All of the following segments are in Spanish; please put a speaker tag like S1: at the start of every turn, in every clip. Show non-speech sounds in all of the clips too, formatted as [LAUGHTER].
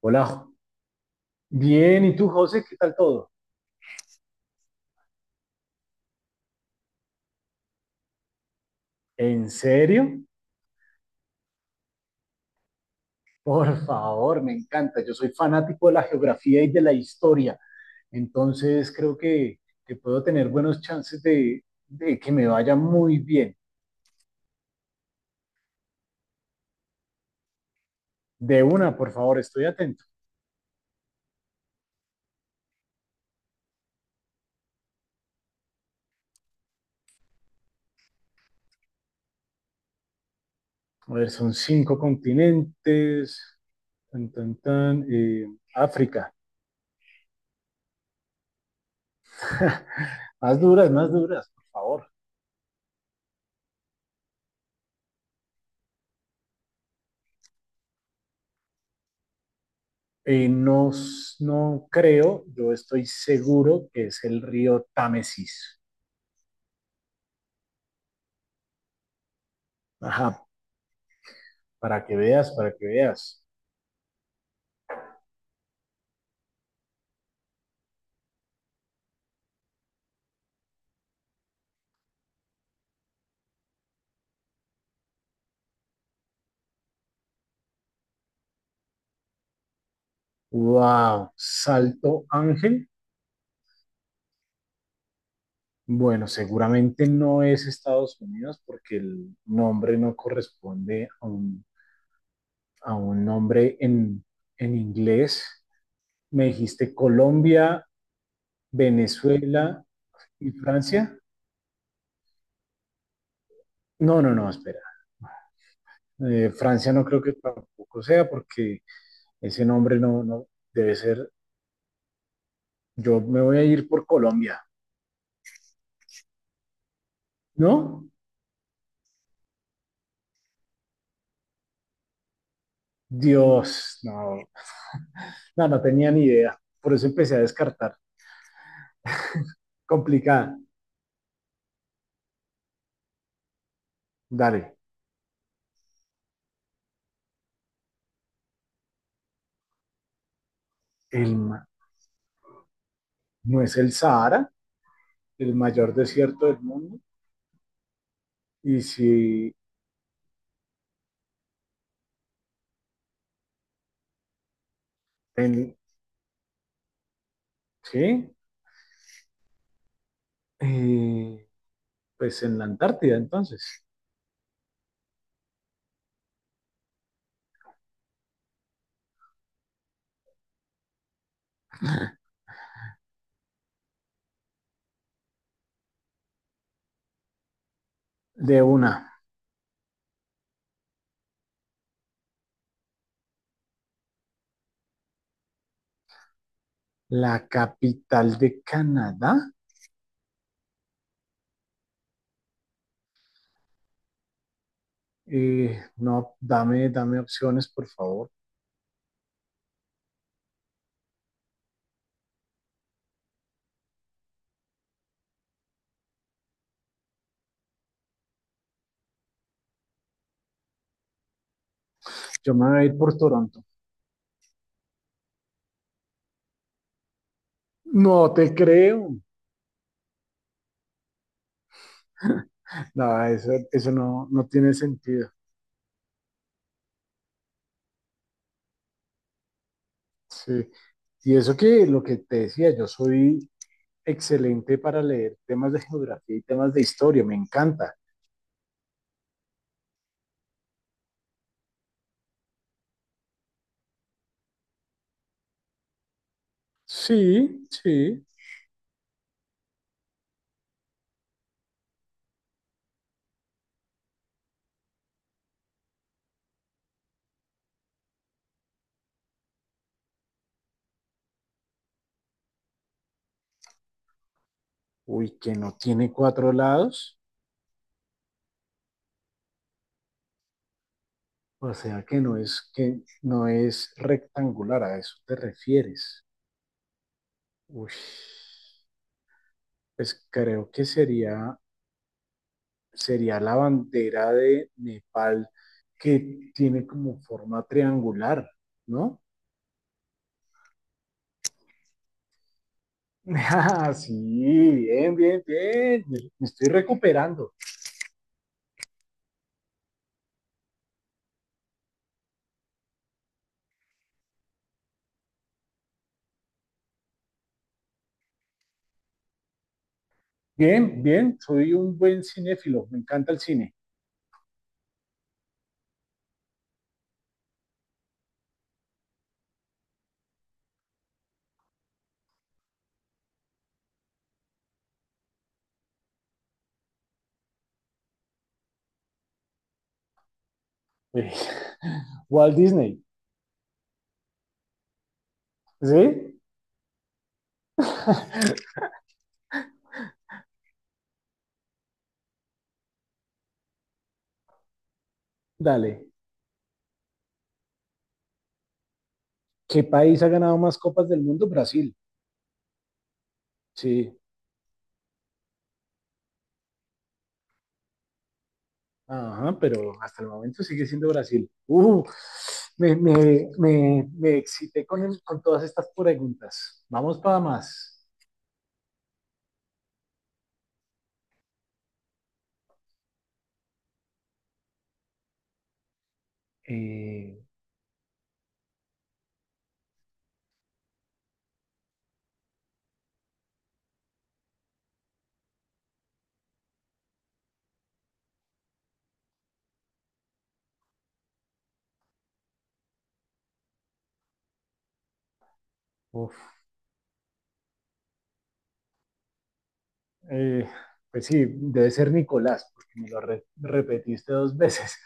S1: Hola, bien, ¿y tú, José? ¿Qué tal todo? ¿En serio? Por favor, me encanta. Yo soy fanático de la geografía y de la historia, entonces creo que puedo tener buenos chances de que me vaya muy bien. De una, por favor, estoy atento. A ver, son cinco continentes. Tan, tan, tan, África. [LAUGHS] Más duras, por favor. No, no creo, yo estoy seguro que es el río Támesis. Ajá, para que veas, para que veas. Wow, Salto Ángel. Bueno, seguramente no es Estados Unidos porque el nombre no corresponde a un, nombre en inglés. Me dijiste Colombia, Venezuela y Francia. No, no, no, espera. Francia no creo que tampoco sea porque ese nombre no debe ser. Yo me voy a ir por Colombia, ¿no? Dios, no. No, no tenía ni idea. Por eso empecé a descartar. Complicada. Dale, el, ma- no es el Sahara, el mayor desierto del mundo. Y si, en, sí, eh, pues en la Antártida, entonces. De una, la capital de Canadá. No, dame opciones, por favor. Yo me voy a ir por Toronto. No te creo. No, eso no tiene sentido. Sí. Y eso que lo que te decía, yo soy excelente para leer temas de geografía y temas de historia, me encanta. Sí, sí. Uy, que no tiene cuatro lados, o sea que no es rectangular, a eso te refieres. Uy, pues creo que sería la bandera de Nepal que tiene como forma triangular, ¿no? [LAUGHS] Ah, sí, bien, bien, bien. Me estoy recuperando. Bien, bien, soy un buen cinéfilo, me encanta el cine. Eh, [LAUGHS] Walt Disney, ¿sí? Dale. ¿Qué país ha ganado más copas del mundo? Brasil, sí. Ajá, pero hasta el momento sigue siendo Brasil. Me excité con todas estas preguntas. Vamos para más. Eh, uf, eh, pues sí, debe ser Nicolás, porque me lo repetiste dos veces.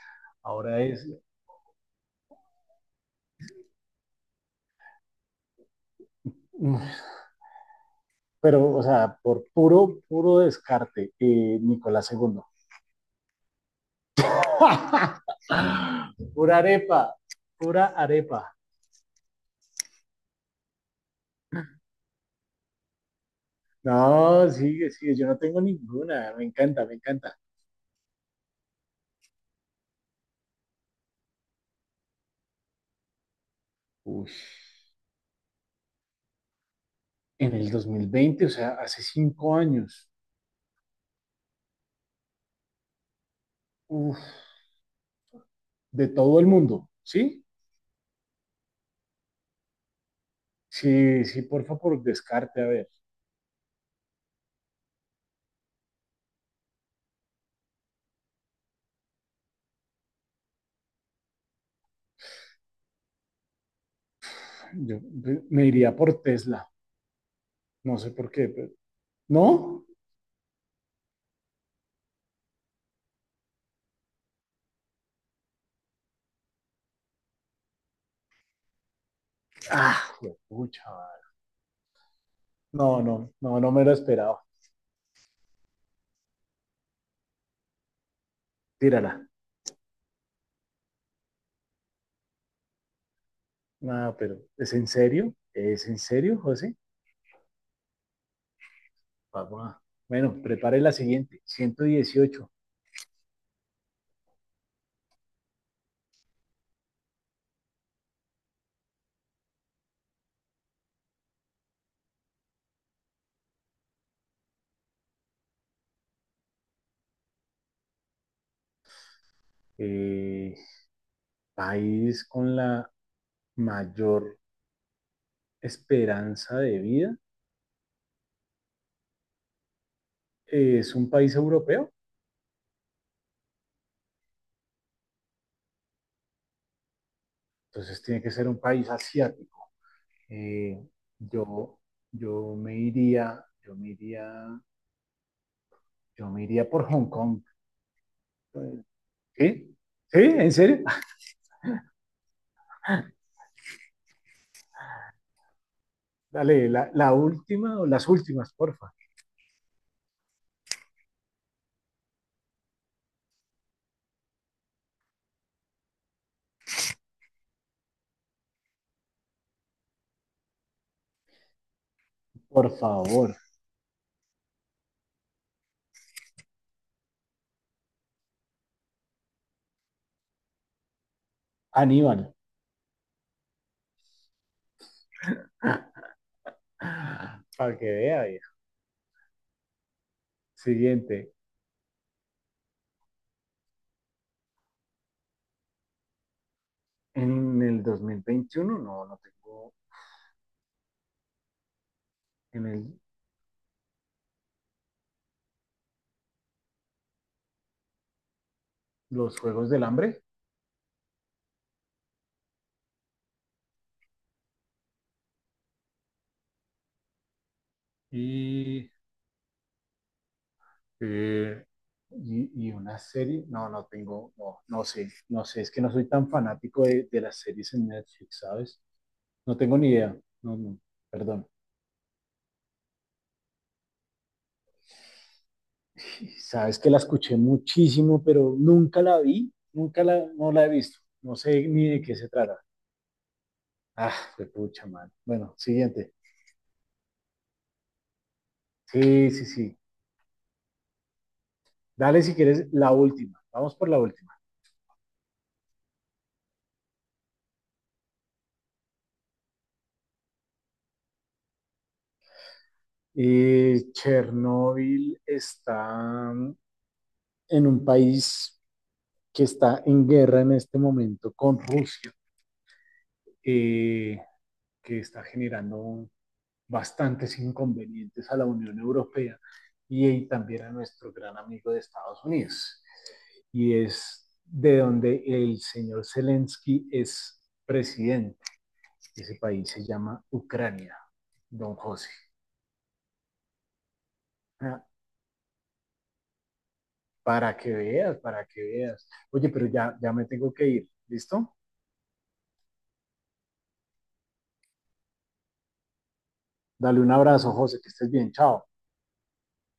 S1: Ahora es. Pero, o sea, por puro, puro descarte, Nicolás segundo. [LAUGHS] Pura arepa, pura arepa. No, sigue, sigue, yo no tengo ninguna, me encanta, me encanta. Uf, en el 2020, o sea, hace 5 años, uf, de todo el mundo, ¿sí? Sí, sí, por favor, descarte, a ver, yo me iría por Tesla, no sé por qué, ¿no? Ah, pucha, no, no, no, no me lo esperaba, tírala. No, pero ¿es en serio? ¿Es en serio, José? Papá. Bueno, prepare la siguiente. 118. Eh, país con la mayor esperanza de vida. Es un país europeo, entonces tiene que ser un país asiático. Eh, yo, yo me iría, yo me iría, yo me iría por Hong Kong. Eh, ¿Qué? ¿Sí? ¿En serio? [LAUGHS] Dale, la última o las últimas, porfa. Por favor, Aníbal. Para que vea, vieja. Siguiente. En el 2021 no tengo en el, los Juegos del Hambre y, eh, y una serie. No, no tengo. No, no sé, no sé, es que no soy tan fanático de las series en Netflix, ¿sabes? No tengo ni idea. No, no, perdón. [LAUGHS] Sabes que la escuché muchísimo, pero nunca la vi, nunca la, no la he visto. No sé ni de qué se trata. Ah, fue pucha, man. Bueno, siguiente. Sí, sí, sí. Dale si quieres la última. Vamos por la última. Chernóbil está en un país que está en guerra en este momento con Rusia, eh, que está generando bastantes inconvenientes a la Unión Europea y también a nuestro gran amigo de Estados Unidos. Y es de donde el señor Zelensky es presidente. Ese país se llama Ucrania, don José. Ah, para que veas, para que veas. Oye, pero ya, ya me tengo que ir, ¿listo? Dale un abrazo, José, que estés bien, chao.